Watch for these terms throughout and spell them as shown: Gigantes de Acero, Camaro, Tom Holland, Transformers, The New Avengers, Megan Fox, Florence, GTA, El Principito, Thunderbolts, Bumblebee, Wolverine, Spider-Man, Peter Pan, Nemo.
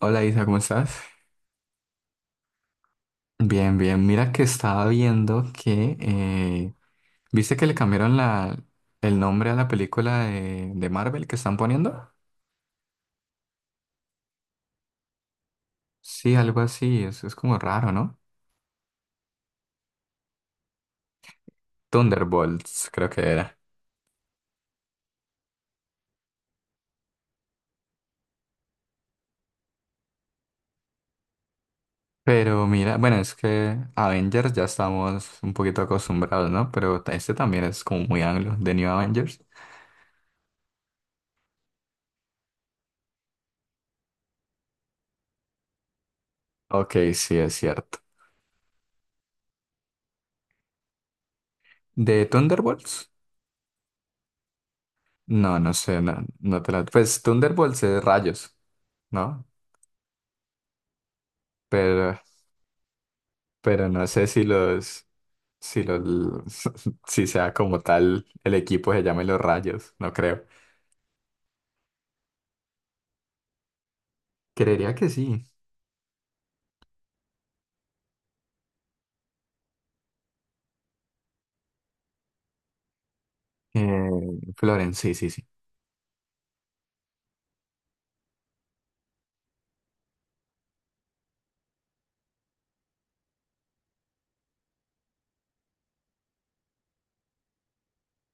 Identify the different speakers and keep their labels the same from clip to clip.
Speaker 1: Hola Isa, ¿cómo estás? Bien, bien. Mira que estaba viendo que... ¿viste que le cambiaron el nombre a la película de Marvel que están poniendo? Sí, algo así. Es como raro, ¿no? Thunderbolts, creo que era. Pero mira, bueno, es que Avengers ya estamos un poquito acostumbrados, ¿no? Pero este también es como muy anglo, The New Avengers. Ok, sí, es cierto. ¿De Thunderbolts? No, no sé, no, no te la... Pues Thunderbolts es rayos, ¿no? Pero pero no sé si si los, si sea como tal el equipo se llame Los Rayos, no creo. Creería que sí. Eh, Florence, sí, sí, sí.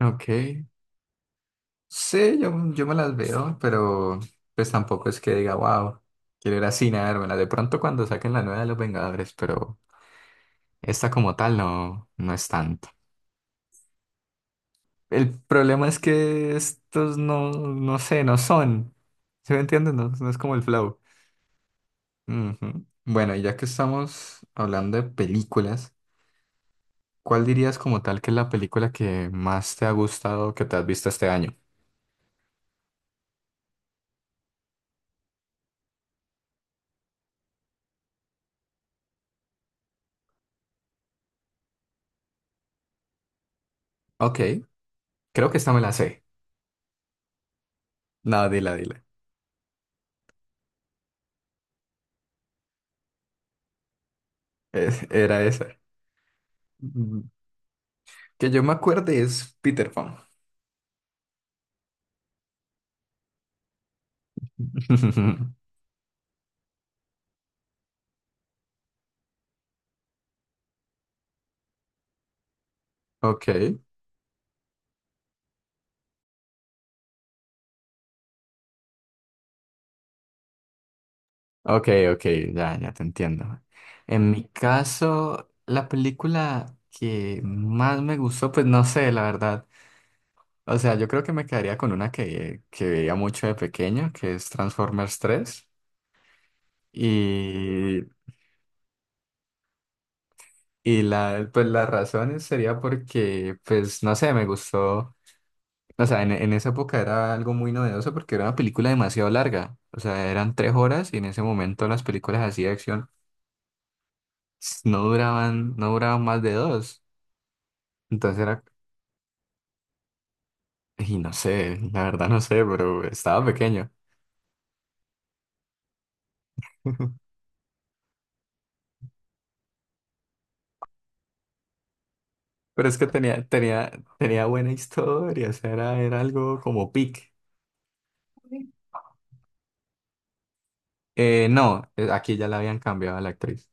Speaker 1: Ok. Sí, yo me las veo, pero pues tampoco es que diga, wow, quiero ir así a vérmela. De pronto cuando saquen la nueva de los Vengadores, pero esta como tal no, no es tanto. El problema es que estos no, no sé, no son. ¿Se me entiende? No, no es como el flow. Ujú. Bueno, y ya que estamos hablando de películas, ¿cuál dirías como tal que es la película que más te ha gustado que te has visto este año? Ok, creo que esta me la sé. No, dila, dila. Es- era esa. Mm, que yo me acuerde es Peter Pan. Ok, ok, ok, ya, ya te entiendo. En mi caso, la película que más me gustó, pues no sé, la verdad. O sea, yo creo que me quedaría con una que veía mucho de pequeño, que es Transformers tres. Y, y la, pues las razones sería porque, pues no sé, me gustó. O sea, en esa época era algo muy novedoso porque era una película demasiado larga. O sea, eran 3 horas y en ese momento las películas así de acción s- no duraban más de dos. Entonces era, y no sé, la verdad no sé, pero estaba pequeño. Pero es que tenía buena historia, o sea, era algo como pic. No, aquí ya la habían cambiado a la actriz.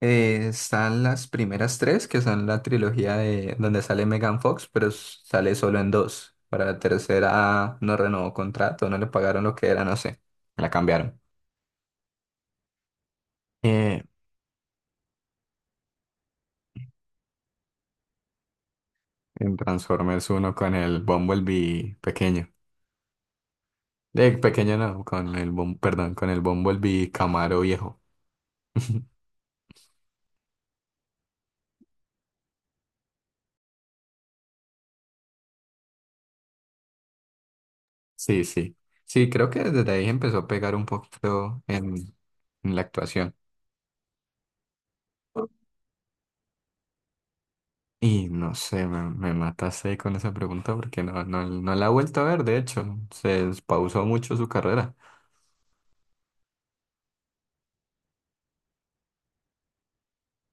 Speaker 1: Están las primeras tres, que son la trilogía de donde sale Megan Fox, pero s- sale solo en dos. Para la tercera no renovó contrato, no le pagaron lo que era, no sé. La cambiaron. Eh, en Transformers uno con el Bumblebee pequeño. Pequeño no, Bum- perdón, con el Bumblebee Camaro viejo. Sí, sí. Sí, creo que desde ahí empezó a pegar un poquito en la actuación. Y no sé, me mataste ahí con esa pregunta porque no la he vuelto a ver, de hecho, se pausó mucho su carrera.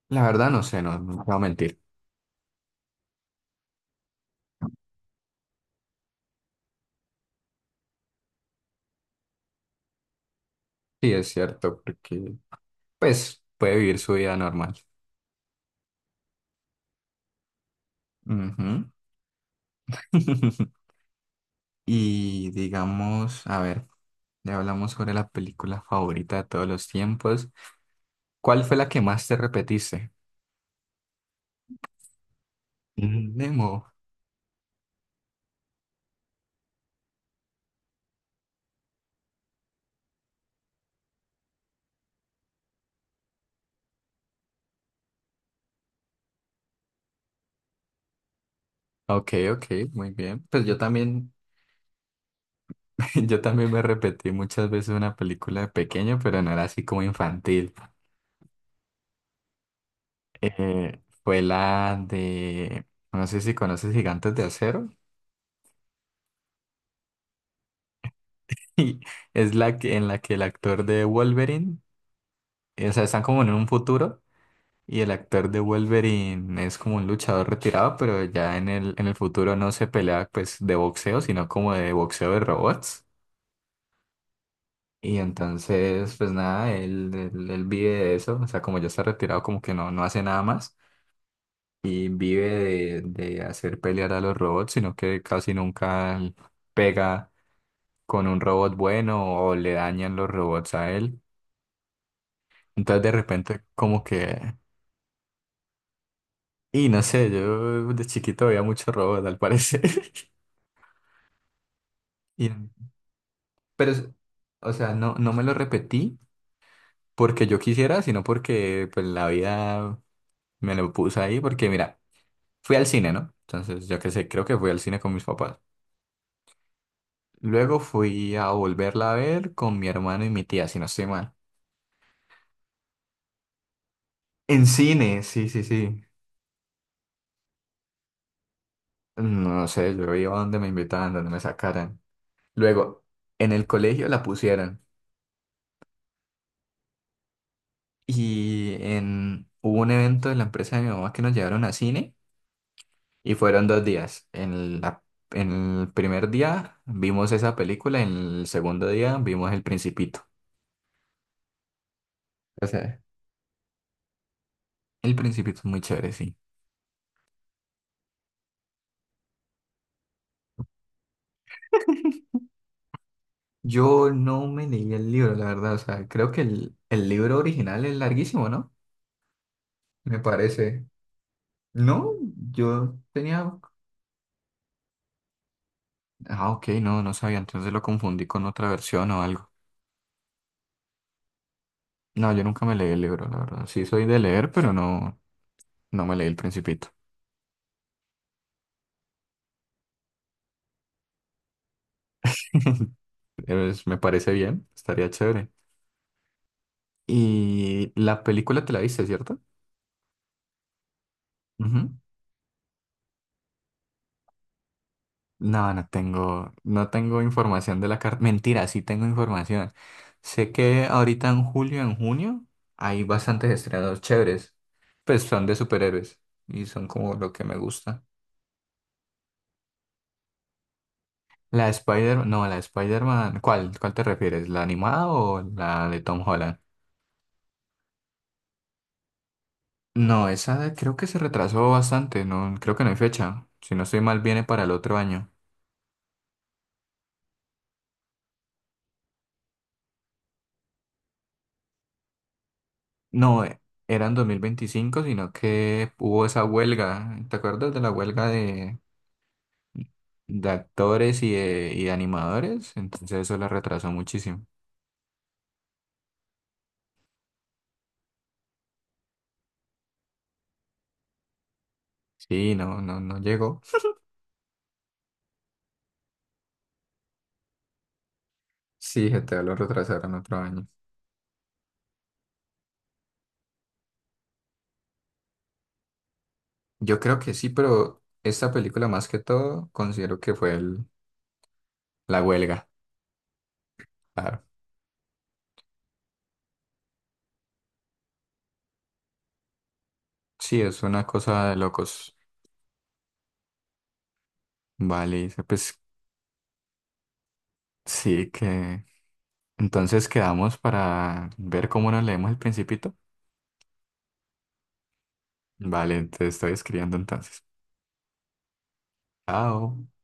Speaker 1: La verdad no sé, no, no te voy a mentir. Sí, es cierto, porque pues puede vivir su vida normal. Ujú. Y digamos, a ver, ya hablamos sobre la película favorita de todos los tiempos. ¿Cuál fue la que más te repetiste? Mm, Nemo. Ok, ok, muy bien. Pues yo también, yo también me repetí muchas veces una película de pequeño, pero no era así como infantil. Fue la de, no sé si conoces Gigantes de Acero, y es la que, en la que el actor de Wolverine, o sea, están como en un futuro, y el actor de Wolverine es como un luchador retirado, pero ya en el futuro no se pelea pues de boxeo, sino como de boxeo de robots. Y entonces, pues nada, él vive de eso, o sea, como ya está retirado, como que no, no hace nada más y vive de hacer pelear a los robots, sino que casi nunca pega con un robot bueno o le dañan los robots a él. Entonces, de repente, como que, y no sé, yo de chiquito veía muchos robots, al parecer. Y, pero, es- o sea, no, no me lo repetí porque yo quisiera, sino porque pues la vida me lo puso ahí, porque mira. Fui al cine, ¿no? Entonces, yo qué sé, creo que fui al cine con mis papás. Luego fui a volverla a ver con mi hermano y mi tía, si no estoy mal. En cine, sí, sí, sí. No sé, yo iba donde me invitaban, donde me sacaran. Luego, en el colegio la pusieron. Y en... hubo un evento de la empresa de mi mamá que nos llevaron a cine y fueron 2 días. En la... en el primer día vimos esa película, en el segundo día vimos El Principito. O sea, El Principito es muy chévere, sí. Yo no me leí el libro, la verdad. O sea, creo que el libro original es larguísimo, ¿no? Me parece. No, yo tenía... Ah, ok, no, no sabía. Entonces lo confundí con otra versión o algo. No, yo nunca me leí el libro, la verdad. Sí soy de leer, pero no, no me leí El Principito. Pero es- me parece bien, estaría chévere. Y la película te la viste, ¿cierto? No, no tengo, no tengo información de la carta. Mentira, sí tengo información. Sé que ahorita en julio, en junio, hay bastantes estrenos chéveres. Pues son de superhéroes y son como lo que me gusta. La de Spider, no, la de Spider-Man, ¿cuál, cuál te refieres? ¿La animada o la de Tom Holland? No, esa de- creo que se retrasó bastante, no, creo que no hay fecha. Si no estoy mal, viene para el otro año. No, era en 2025 sino que hubo esa huelga. ¿Te acuerdas de la huelga de actores y de animadores, entonces eso la retrasó muchísimo? Sí, no, no, no llegó. Sí, GTA lo retrasaron otro año. Yo creo que sí, pero esta película más que todo considero que fue el- la huelga. Claro. Sí, es una cosa de locos. Vale, dice, pues sí que... Entonces quedamos para ver cómo nos leemos el Principito. Vale, te estoy escribiendo entonces. Chao.